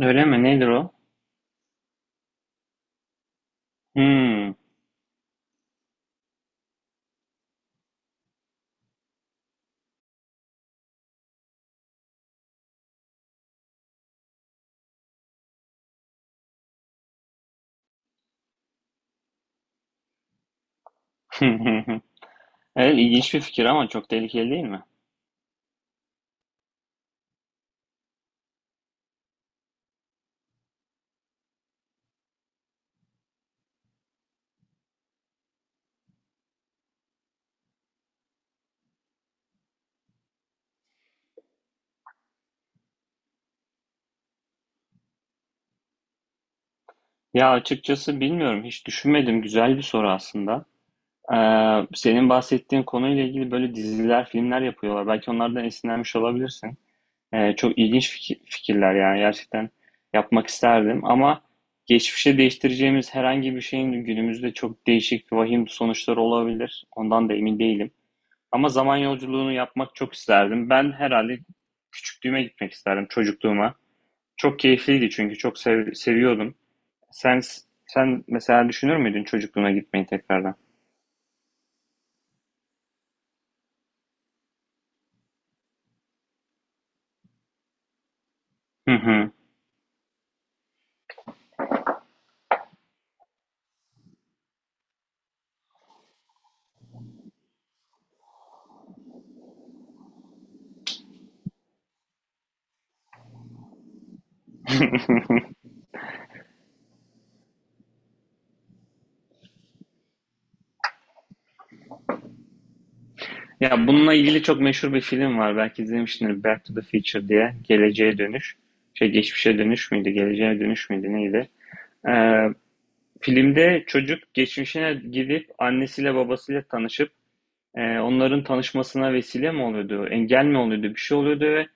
Öyle mi? Nedir o? Hmm. Evet, ilginç bir fikir ama çok tehlikeli değil mi? Ya açıkçası bilmiyorum. Hiç düşünmedim. Güzel bir soru aslında. Senin bahsettiğin konuyla ilgili böyle diziler, filmler yapıyorlar. Belki onlardan esinlenmiş olabilirsin. Çok ilginç fikirler yani gerçekten yapmak isterdim. Ama geçmişe değiştireceğimiz herhangi bir şeyin günümüzde çok değişik, vahim sonuçları olabilir. Ondan da emin değilim. Ama zaman yolculuğunu yapmak çok isterdim. Ben herhalde küçüklüğüme gitmek isterdim, çocukluğuma. Çok keyifliydi çünkü çok seviyordum. Sen sen mesela düşünür müydün çocukluğuna gitmeyi tekrardan? Hı hı. Ya, bununla ilgili çok meşhur bir film var. Belki izlemişsindir. Back to the Future diye. Geleceğe Dönüş. Şey, Geçmişe Dönüş müydü? Geleceğe Dönüş müydü? Neydi? Eee, filmde çocuk geçmişine gidip annesiyle babasıyla tanışıp, onların tanışmasına vesile mi oluyordu? Engel mi oluyordu? Bir şey oluyordu ve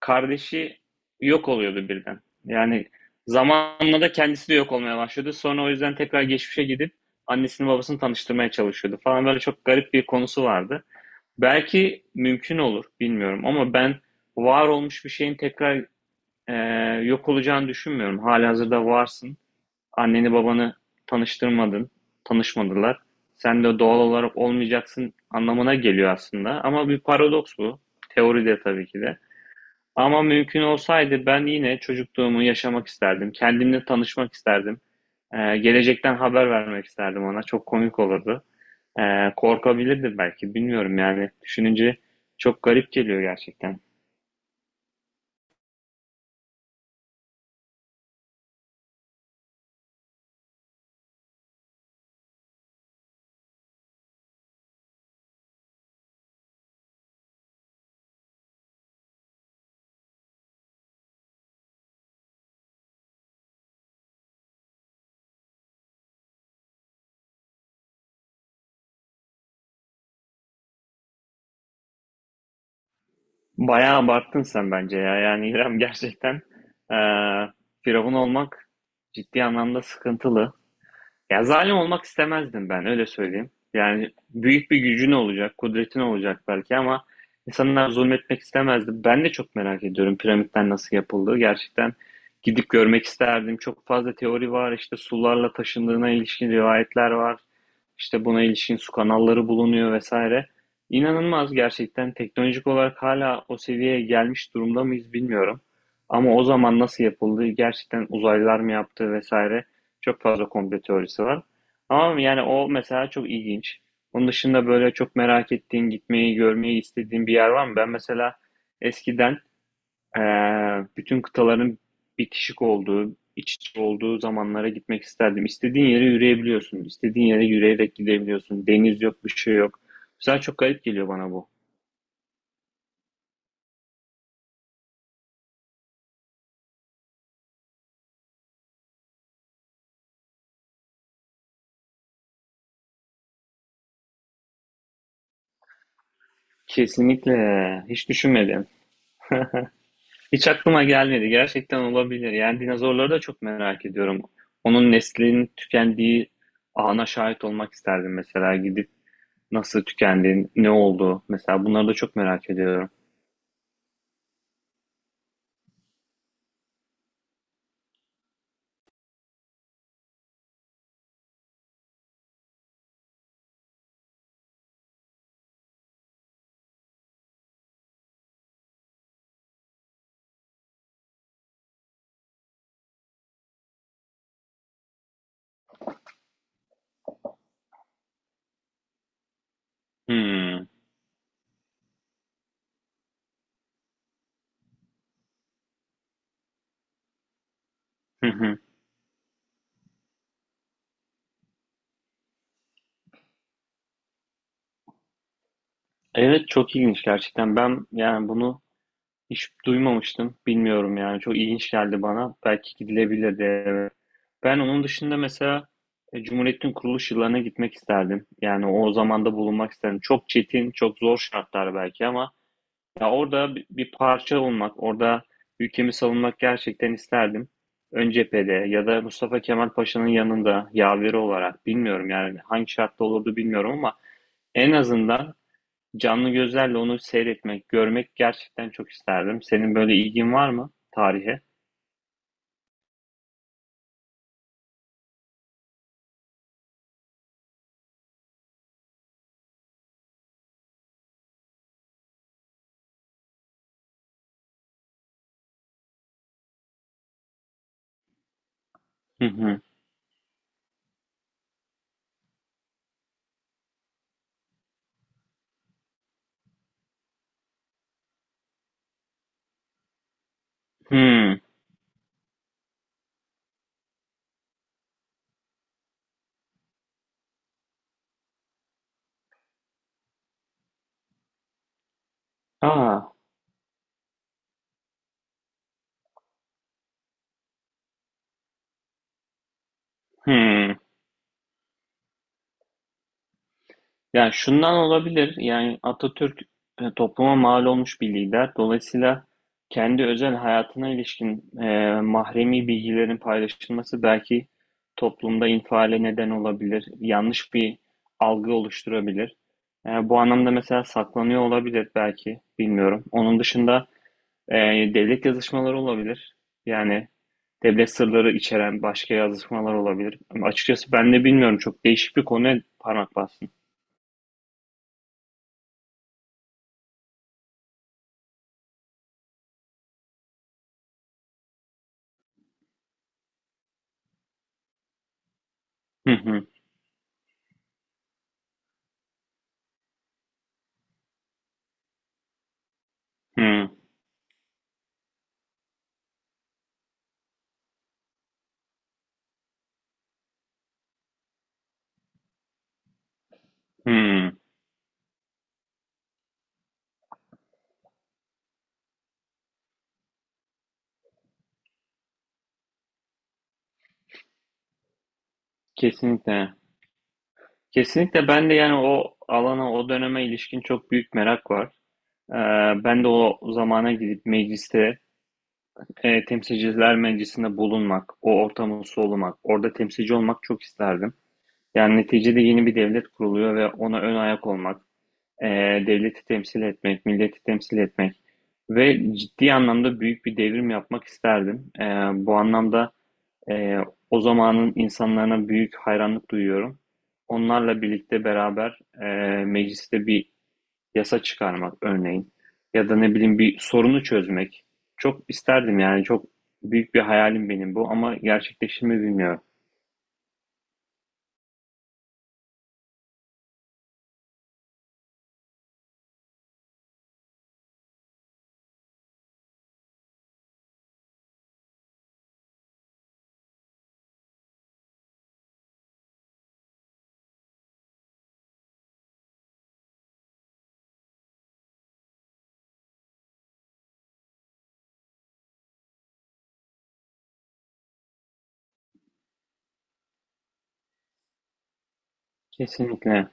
kardeşi yok oluyordu birden. Yani zamanla da kendisi de yok olmaya başladı. Sonra o yüzden tekrar geçmişe gidip annesini babasını tanıştırmaya çalışıyordu falan. Böyle çok garip bir konusu vardı. Belki mümkün olur bilmiyorum ama ben var olmuş bir şeyin tekrar e, yok olacağını düşünmüyorum. Halihazırda varsın. Anneni babanı tanıştırmadın. Tanışmadılar. Sen de doğal olarak olmayacaksın anlamına geliyor aslında. Ama bir paradoks bu. Teoride tabii ki de. Ama mümkün olsaydı ben yine çocukluğumu yaşamak isterdim. Kendimle tanışmak isterdim. Gelecekten haber vermek isterdim ona. Çok komik olurdu. Korkabilirdim belki. Bilmiyorum yani. Düşününce çok garip geliyor gerçekten. Bayağı abarttın sen bence ya. Yani İrem gerçekten ee, firavun olmak ciddi anlamda sıkıntılı. Ya zalim olmak istemezdim ben öyle söyleyeyim. Yani büyük bir gücün olacak, kudretin olacak belki ama insanlar zulmetmek istemezdi. Ben de çok merak ediyorum piramitler nasıl yapıldı. Gerçekten gidip görmek isterdim. Çok fazla teori var. İşte sularla taşındığına ilişkin rivayetler var. İşte buna ilişkin su kanalları bulunuyor vesaire. İnanılmaz gerçekten teknolojik olarak hala o seviyeye gelmiş durumda mıyız bilmiyorum. Ama o zaman nasıl yapıldı, gerçekten uzaylılar mı yaptı vesaire. Çok fazla komplo teorisi var. Ama yani o mesela çok ilginç. Onun dışında böyle çok merak ettiğin, gitmeyi, görmeyi istediğin bir yer var mı? Ben mesela eskiden bütün kıtaların bitişik olduğu, iç içe olduğu zamanlara gitmek isterdim. İstediğin yere yürüyebiliyorsun, istediğin yere yürüyerek gidebiliyorsun. Deniz yok, bir şey yok. Mesela çok garip geliyor bana bu. Kesinlikle. Hiç düşünmedim. Hiç aklıma gelmedi. Gerçekten olabilir. Yani dinozorları da çok merak ediyorum. Onun neslinin tükendiği ana şahit olmak isterdim mesela. Gidip nasıl tükendi, ne oldu? Mesela bunları da çok merak ediyorum. Hmm. Hı hı. Evet, çok ilginç gerçekten. Ben yani bunu hiç duymamıştım. Bilmiyorum yani. Çok ilginç geldi bana. Belki gidilebilirdi. Evet. Ben onun dışında mesela Cumhuriyet'in kuruluş yıllarına gitmek isterdim. Yani o zamanda bulunmak isterdim. Çok çetin, çok zor şartlar belki ama ya orada bir parça olmak, orada ülkemi savunmak gerçekten isterdim. Ön cephede ya da Mustafa Kemal Paşa'nın yanında yaveri olarak bilmiyorum yani hangi şartta olurdu bilmiyorum ama en azından canlı gözlerle onu seyretmek, görmek gerçekten çok isterdim. Senin böyle ilgin var mı tarihe? Hı hı. Hmm. Aa. Hmm. Yani şundan olabilir. Yani Atatürk topluma mal olmuş bir lider. Dolayısıyla kendi özel hayatına ilişkin mahremi bilgilerin paylaşılması belki toplumda infiale neden olabilir. Yanlış bir algı oluşturabilir. Bu anlamda mesela saklanıyor olabilir belki. Bilmiyorum. Onun dışında e, devlet yazışmaları olabilir. Yani devlet sırları içeren başka yazışmalar olabilir. Ama açıkçası ben de bilmiyorum. Çok değişik bir konuya parmak bastın. Hı hı. Hıı, hıı. Kesinlikle. Kesinlikle ben de, yani, o alana, o döneme ilişkin çok büyük merak var. Ben de o zamana gidip mecliste, Temsilciler Meclisi'nde bulunmak, o ortamı solumak, orada temsilci olmak çok isterdim. Yani, neticede yeni bir devlet kuruluyor ve ona ön ayak olmak, devleti temsil etmek, milleti temsil etmek ve ciddi anlamda büyük bir devrim yapmak isterdim. Bu anlamda Ee, o zamanın insanlarına büyük hayranlık duyuyorum. Onlarla birlikte beraber mecliste bir yasa çıkarmak örneğin ya da ne bileyim bir sorunu çözmek. Çok isterdim yani çok büyük bir hayalim benim bu ama gerçekleşir mi bilmiyorum. Kesinlikle.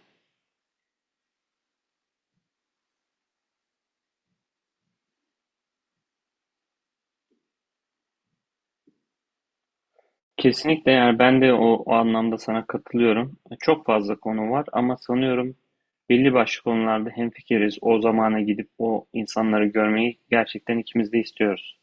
Kesinlikle yani ben de o, o anlamda sana katılıyorum. Çok fazla konu var ama sanıyorum belli başlı konularda hemfikiriz. O zamana gidip o insanları görmeyi gerçekten ikimiz de istiyoruz.